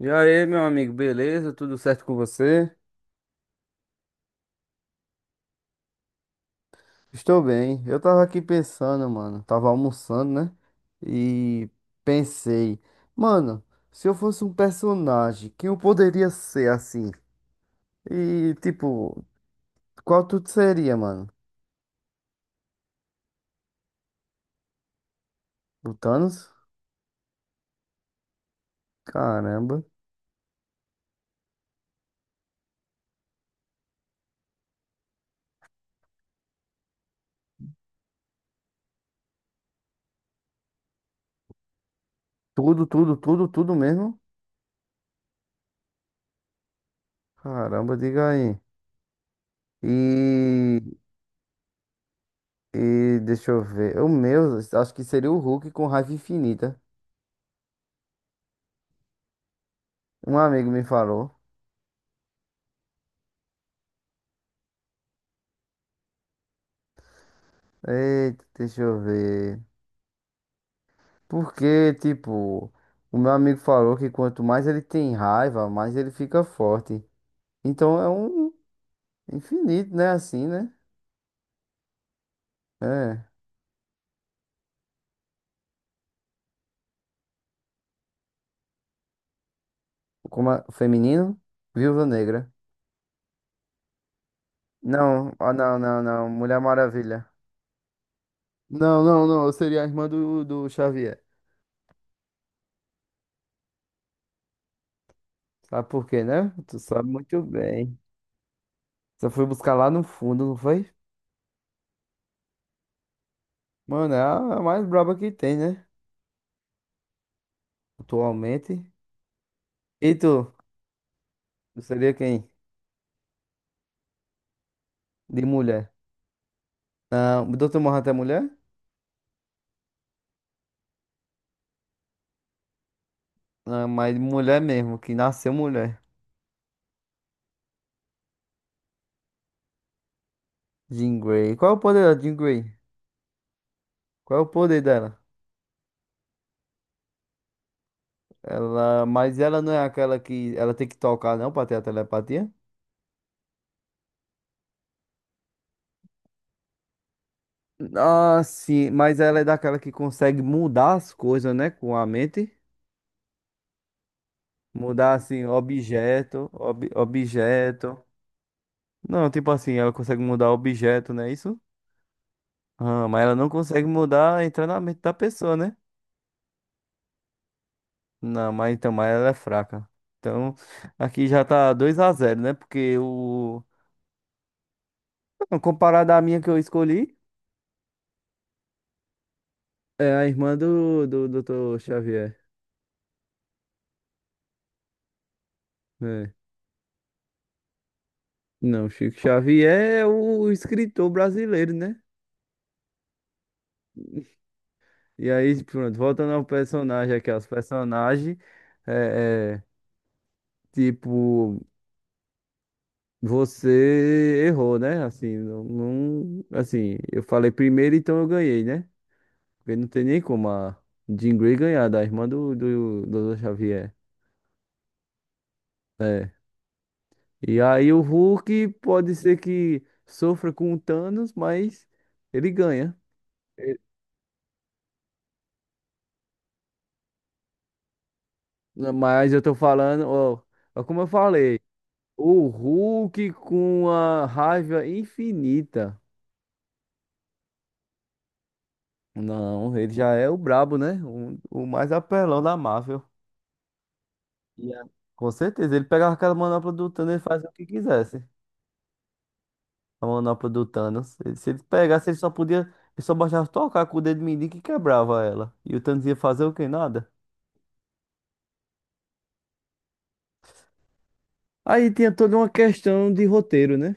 E aí, meu amigo, beleza? Tudo certo com você? Estou bem. Eu tava aqui pensando, mano. Tava almoçando, né? E pensei, mano, se eu fosse um personagem, quem eu poderia ser assim? E tipo, qual tu seria, mano? O Thanos? Caramba. Tudo, tudo, tudo, tudo mesmo? Caramba, diga aí. E, e deixa eu ver. O meu, acho que seria o Hulk com raiva infinita. Um amigo me falou. Eita, deixa eu ver. Porque, tipo, o meu amigo falou que quanto mais ele tem raiva, mais ele fica forte. Então é um infinito, né? Assim, né? É. Como é? Feminino? Viúva Negra. Não, ah, não, não, não. Mulher Maravilha. Não, não, não. Eu seria a irmã do Xavier. Sabe por quê, né? Tu sabe muito bem. Só foi buscar lá no fundo, não foi? Mano, é a mais braba que tem, né? Atualmente. E tu? Tu seria quem? De mulher. Doutor Manhattan é mulher? Ah, mas mulher mesmo, que nasceu mulher. Jean Grey. Qual é o poder da Jean Grey? Qual é o poder dela? Mas ela não é aquela que ela tem que tocar não pra ter a telepatia? Ah, sim, mas ela é daquela que consegue mudar as coisas, né, com a mente. Mudar assim objeto, objeto. Não, tipo assim, ela consegue mudar objeto, não é isso? Ah, mas ela não consegue mudar entrar na mente da pessoa, né? Não, mas então, mas ela é fraca. Então, aqui já tá 2-0, né? Porque o. Não, comparado à minha que eu escolhi, é a irmã do doutor Xavier. É. Não, Chico Xavier é o escritor brasileiro, né? E aí, pronto, voltando ao personagem aqui, aos personagens, é, é, tipo, você errou, né? Assim, assim, eu falei primeiro, então eu ganhei, né? Porque não tem nem como a Jean Grey ganhar da irmã do Xavier. E aí o Hulk pode ser que sofra com o Thanos, mas ele ganha. E- Mas eu tô falando, ó, como eu falei, o Hulk com a raiva infinita. Não, ele já é o brabo, né? O mais apelão da Marvel. E a- Com certeza, ele pegava aquela manopla do Thanos e fazia o que quisesse. A manopla do Thanos. Se ele pegasse, ele só podia. Ele só bastava tocar com o dedo mindinho que quebrava ela. E o Thanos ia fazer o que? Nada. Aí tinha toda uma questão de roteiro, né?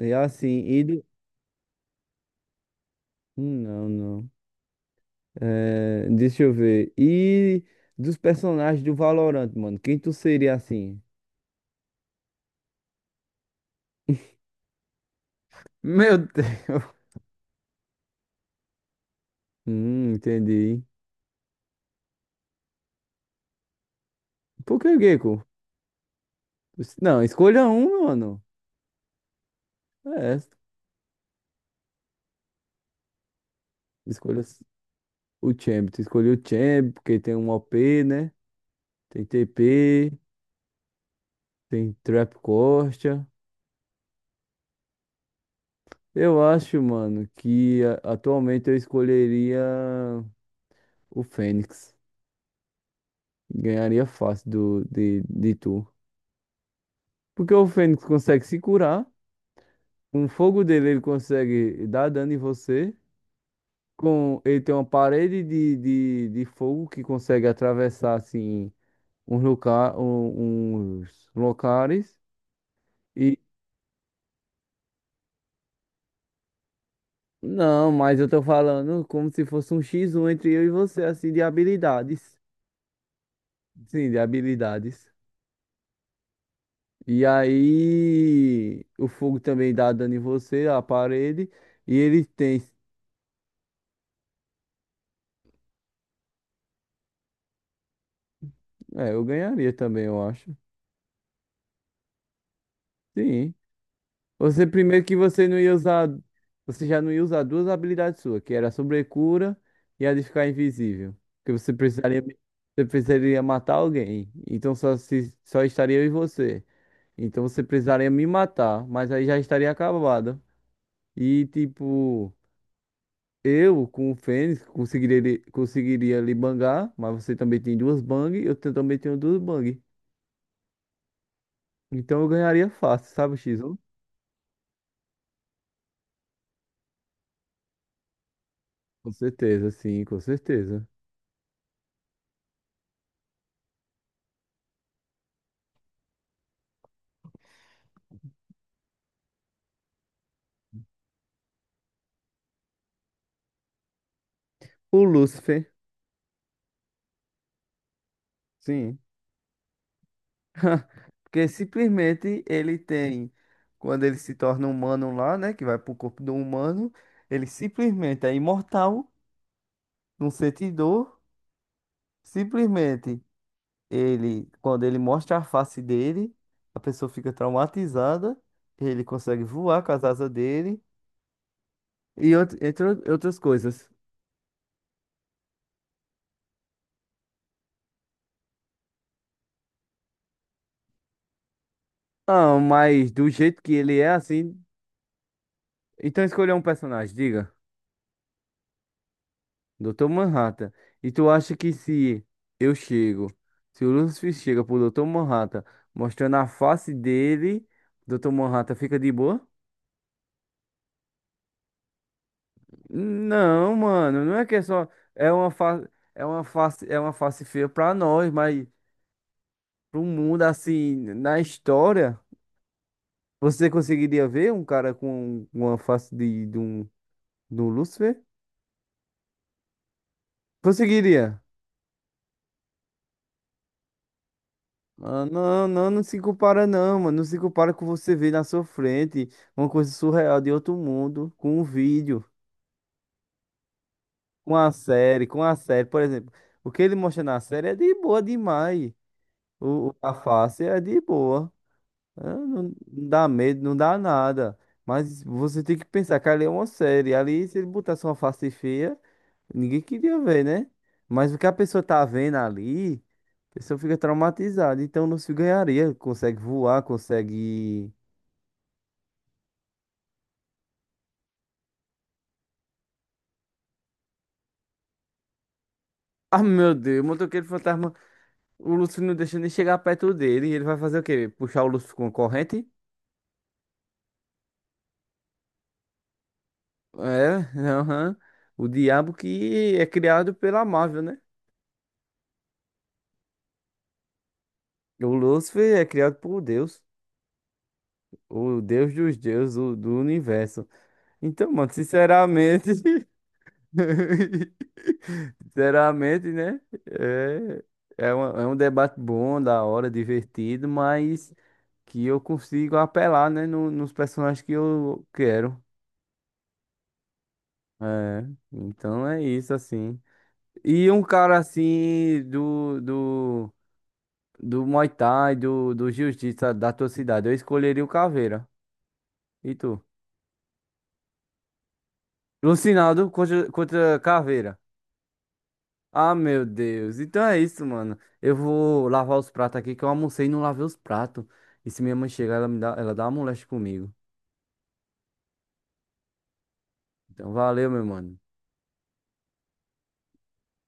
E assim, e do. Não, não. É, deixa eu ver. E dos personagens do Valorant, mano. Quem tu seria assim? Meu Deus. Entendi. Por que, Gecko? Não, escolha um, mano. É, escolha o Champ. Tu escolheu o Champ, porque tem um OP, né? Tem TP. Tem Trap Costa. Eu acho, mano, que atualmente eu escolheria o Fênix. Ganharia fácil do, de tu. Porque o Fênix consegue se curar. Com o fogo dele, ele consegue dar dano em você. Ele tem uma parede de fogo que consegue atravessar, assim, uns locais. E. Não, mas eu tô falando como se fosse um x um entre eu e você, assim, de habilidades. Sim, de habilidades. E aí, o fogo também dá dano em você, a parede. E ele tem. É, eu ganharia também, eu acho. Sim. Você, primeiro que você não ia usar. Você já não ia usar duas habilidades suas, que era a sobrecura e a de ficar invisível. Porque você precisaria matar alguém. Então só, se, só estaria eu e você. Então você precisaria me matar, mas aí já estaria acabada. E tipo. Eu, com o Fênix, conseguiria lhe bangar, mas você também tem duas bang, também tenho duas bang. Então eu ganharia fácil, sabe, X1? Com certeza, sim, com certeza. O Lúcifer. Sim, porque simplesmente ele tem, quando ele se torna humano lá, né? Que vai pro corpo do humano, ele simplesmente é imortal, não sente dor, simplesmente. Ele, quando ele mostra a face dele, a pessoa fica traumatizada, ele consegue voar com as asas dele e entre outras coisas. Ah, mas do jeito que ele é assim, então escolha um personagem, diga, Dr. Manhattan. E tu acha que se eu chego, se o Lucifer chega pro Dr. Manhattan, mostrando a face dele, Dr. Manhattan fica de boa? Não, mano, não é que é só é uma face, feia pra nós, mas pro mundo, assim, na história, você conseguiria ver um cara com uma face do Lúcifer? Conseguiria. Ah, não, não, não se compara não, mano. Não se compara com você ver na sua frente uma coisa surreal de outro mundo, com um vídeo, com a série. Por exemplo, o que ele mostra na série é de boa demais. A face é de boa. Ah, não, não dá medo, não dá nada. Mas você tem que pensar que ali é uma série. Ali, se ele botasse uma face feia. Ninguém queria ver, né? Mas o que a pessoa tá vendo ali, a pessoa fica traumatizada. Então não se ganharia. Consegue voar, consegue. Ah, meu Deus, o Motoqueiro Fantasma. O Lúcio não deixa nem chegar perto dele. E ele vai fazer o quê? Puxar o Lúcio com a corrente? É, aham. O diabo que é criado pela Marvel, né? O Lúcifer é criado por Deus. O Deus dos deuses, o do universo. Então, mano, sinceramente. Sinceramente, né? É um debate bom, da hora, divertido, mas que eu consigo apelar, né, nos personagens que eu quero. É, então é isso, assim. E um cara assim do, Muay Thai, do Jiu-Jitsu da tua cidade, eu escolheria o Caveira. E tu? Lucinaldo contra Caveira. Ah, meu Deus. Então é isso, mano. Eu vou lavar os pratos aqui, que eu almocei e não lavei os pratos. E se minha mãe chegar, ela dá uma moléstia comigo. Então valeu, meu mano.